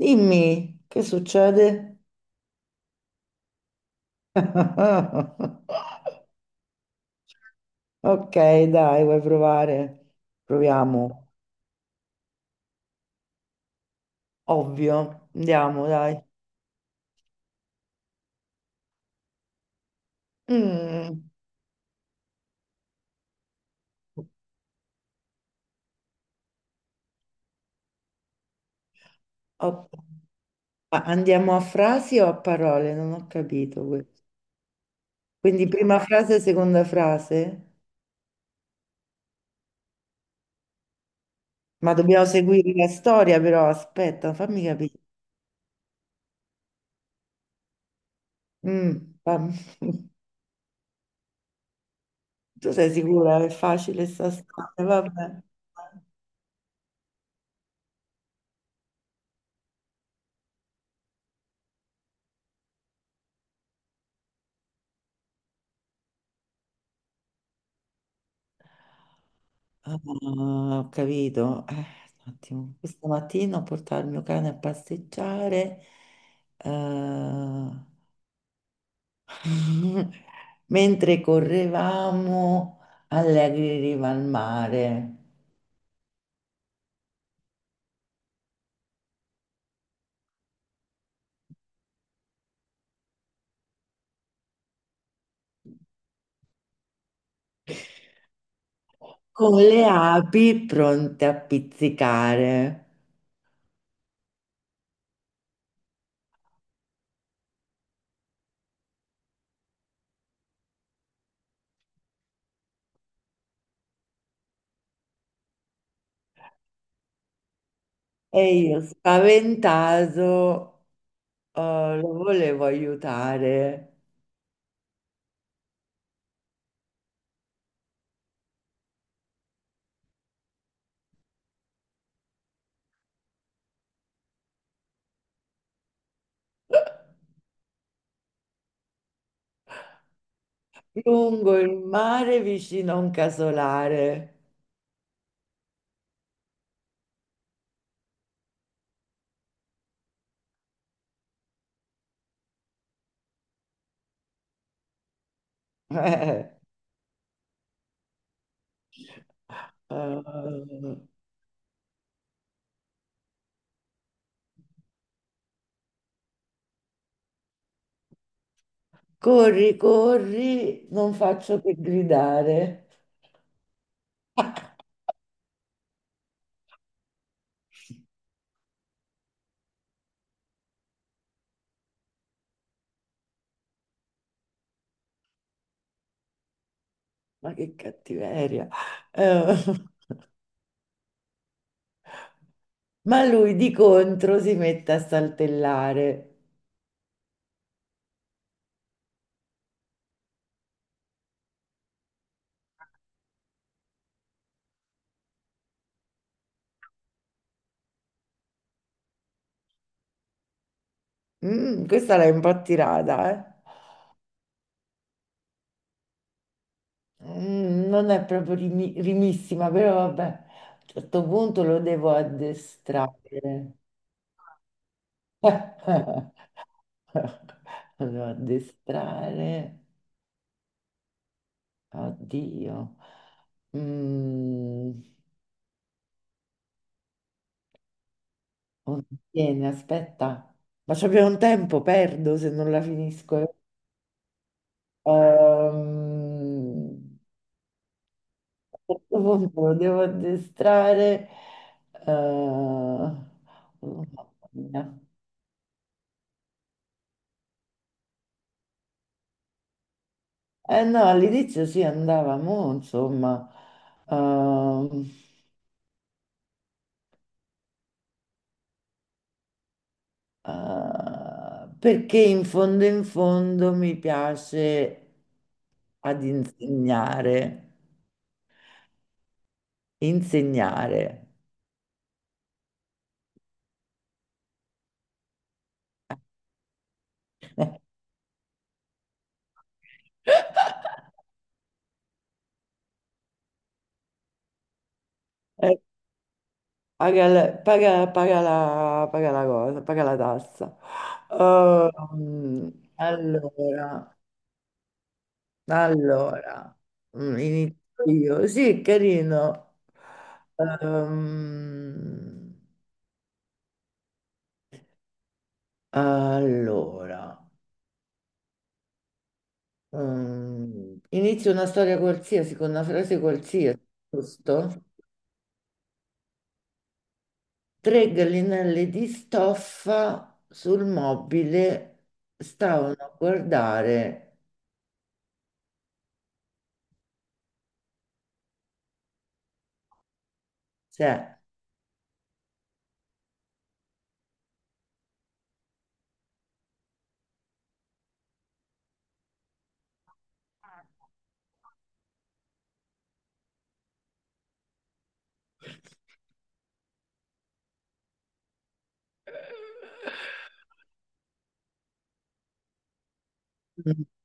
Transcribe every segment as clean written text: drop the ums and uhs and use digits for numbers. Dimmi, che succede? Ok, dai, vuoi provare? Proviamo. Ovvio, andiamo, dai. Mm, ok. Ma andiamo a frasi o a parole? Non ho capito questo. Quindi prima frase, seconda frase? Ma dobbiamo seguire la storia, però aspetta, fammi capire. Mm, fam- Tu sei sicura? È facile sta storia, vabbè. Ah, ho capito. Un attimo. Questa mattina ho portato il mio cane a passeggiare. Eh, Mentre correvamo, allegri in riva al mare, con le api pronte a pizzicare. E io, spaventato, lo volevo aiutare. Lungo il mare, vicino a un casolare. Eh, eh. Corri, corri, non faccio che gridare. Ma che cattiveria. Eh, ma lui di contro si mette a saltellare. Mm, questa l'hai un po' tirata, eh? Non è proprio rimissima, però vabbè, a un certo punto lo devo addestrare. Lo devo addestrare. Oddio. Mm. Vieni, aspetta, ma c'abbiamo un tempo, perdo se non la finisco. Ehm, a questo punto lo devo addestrare. Oh, mamma mia. Eh no, all'inizio si andava, mo, insomma, ehm, perché in fondo mi piace ad insegnare, insegnare. Paga la, paga paga la cosa, paga la tassa. Ehm, Allora, allora, inizio io. Sì, è carino. Ehm, allora, inizio una storia qualsiasi con una frase qualsiasi, giusto? Tre gallinelle di stoffa sul mobile stavano a guardare, se.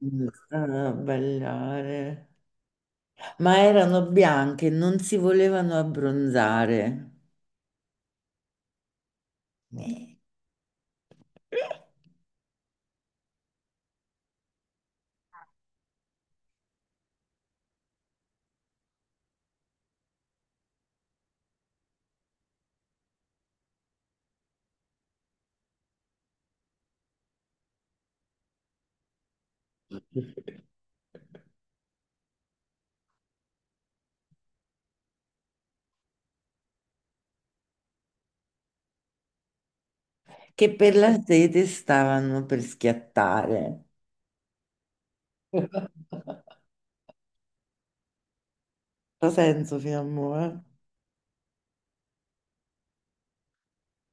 Ballare. Ma erano bianche, non si volevano abbronzare, Eh. che per la sete stavano per schiattare. Ha senso fino a mo', eh?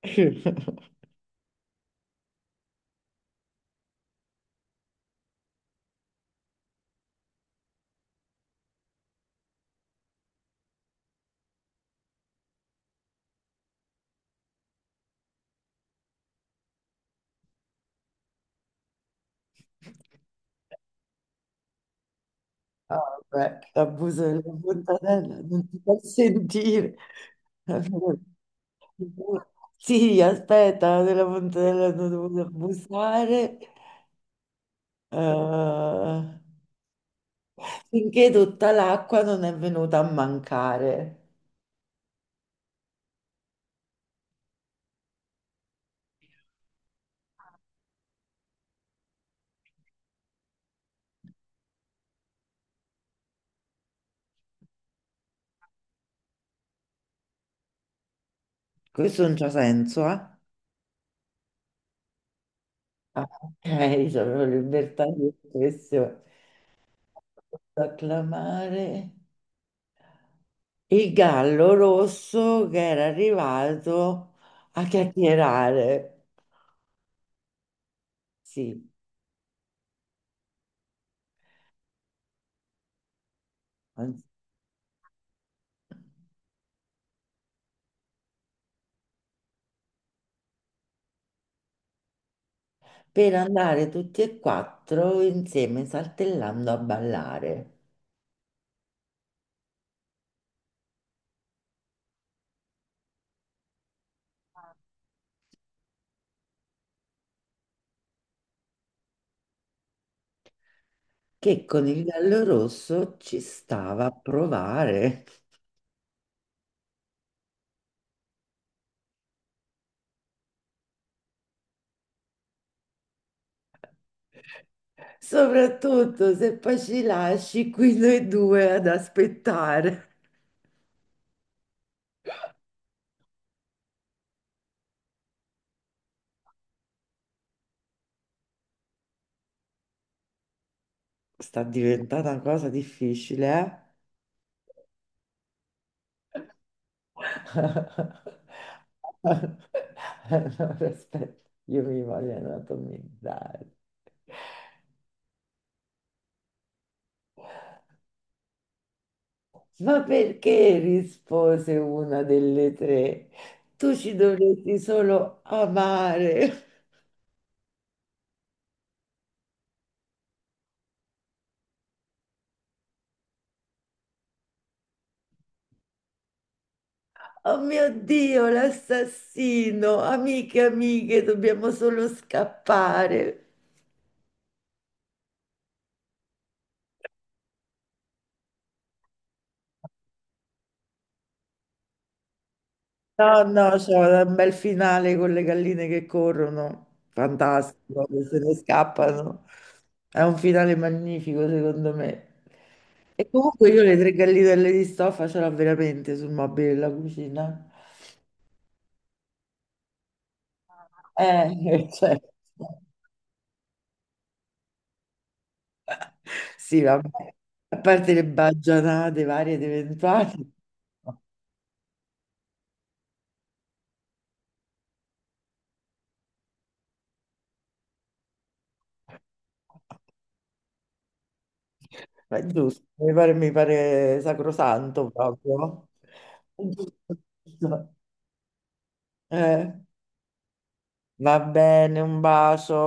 Ah, vabbè, l'abuso della fontanella non ti fa sentire. Allora, sì, aspetta, della fontanella non devo abusare. Eh, finché tutta l'acqua non è venuta a mancare. Questo non c'ha senso, eh? Ah, ok, c'avevo libertà di espressione. Acclamare il gallo rosso che era arrivato a chiacchierare. Sì, anzi, per andare tutti e quattro insieme saltellando a ballare, che con il gallo rosso ci stava a provare. Soprattutto se poi ci lasci qui noi due ad aspettare. Sta diventando una cosa difficile, eh? Allora, aspetta, io mi voglio anatomizzare. Ma perché rispose una delle tre? Tu ci dovresti solo amare. Oh mio Dio, l'assassino! Amiche, amiche, dobbiamo solo scappare. No, no, c'è un bel finale con le galline che corrono, fantastico, che se ne scappano. È un finale magnifico, secondo me. E comunque io le tre gallinelle di stoffa ce l'ho veramente sul mobile della cucina. Certo. Sì, vabbè. A parte le baggianate varie ed eventuali, ma è giusto, mi pare sacrosanto proprio. È giusto. Eh. Va bene, un bacio.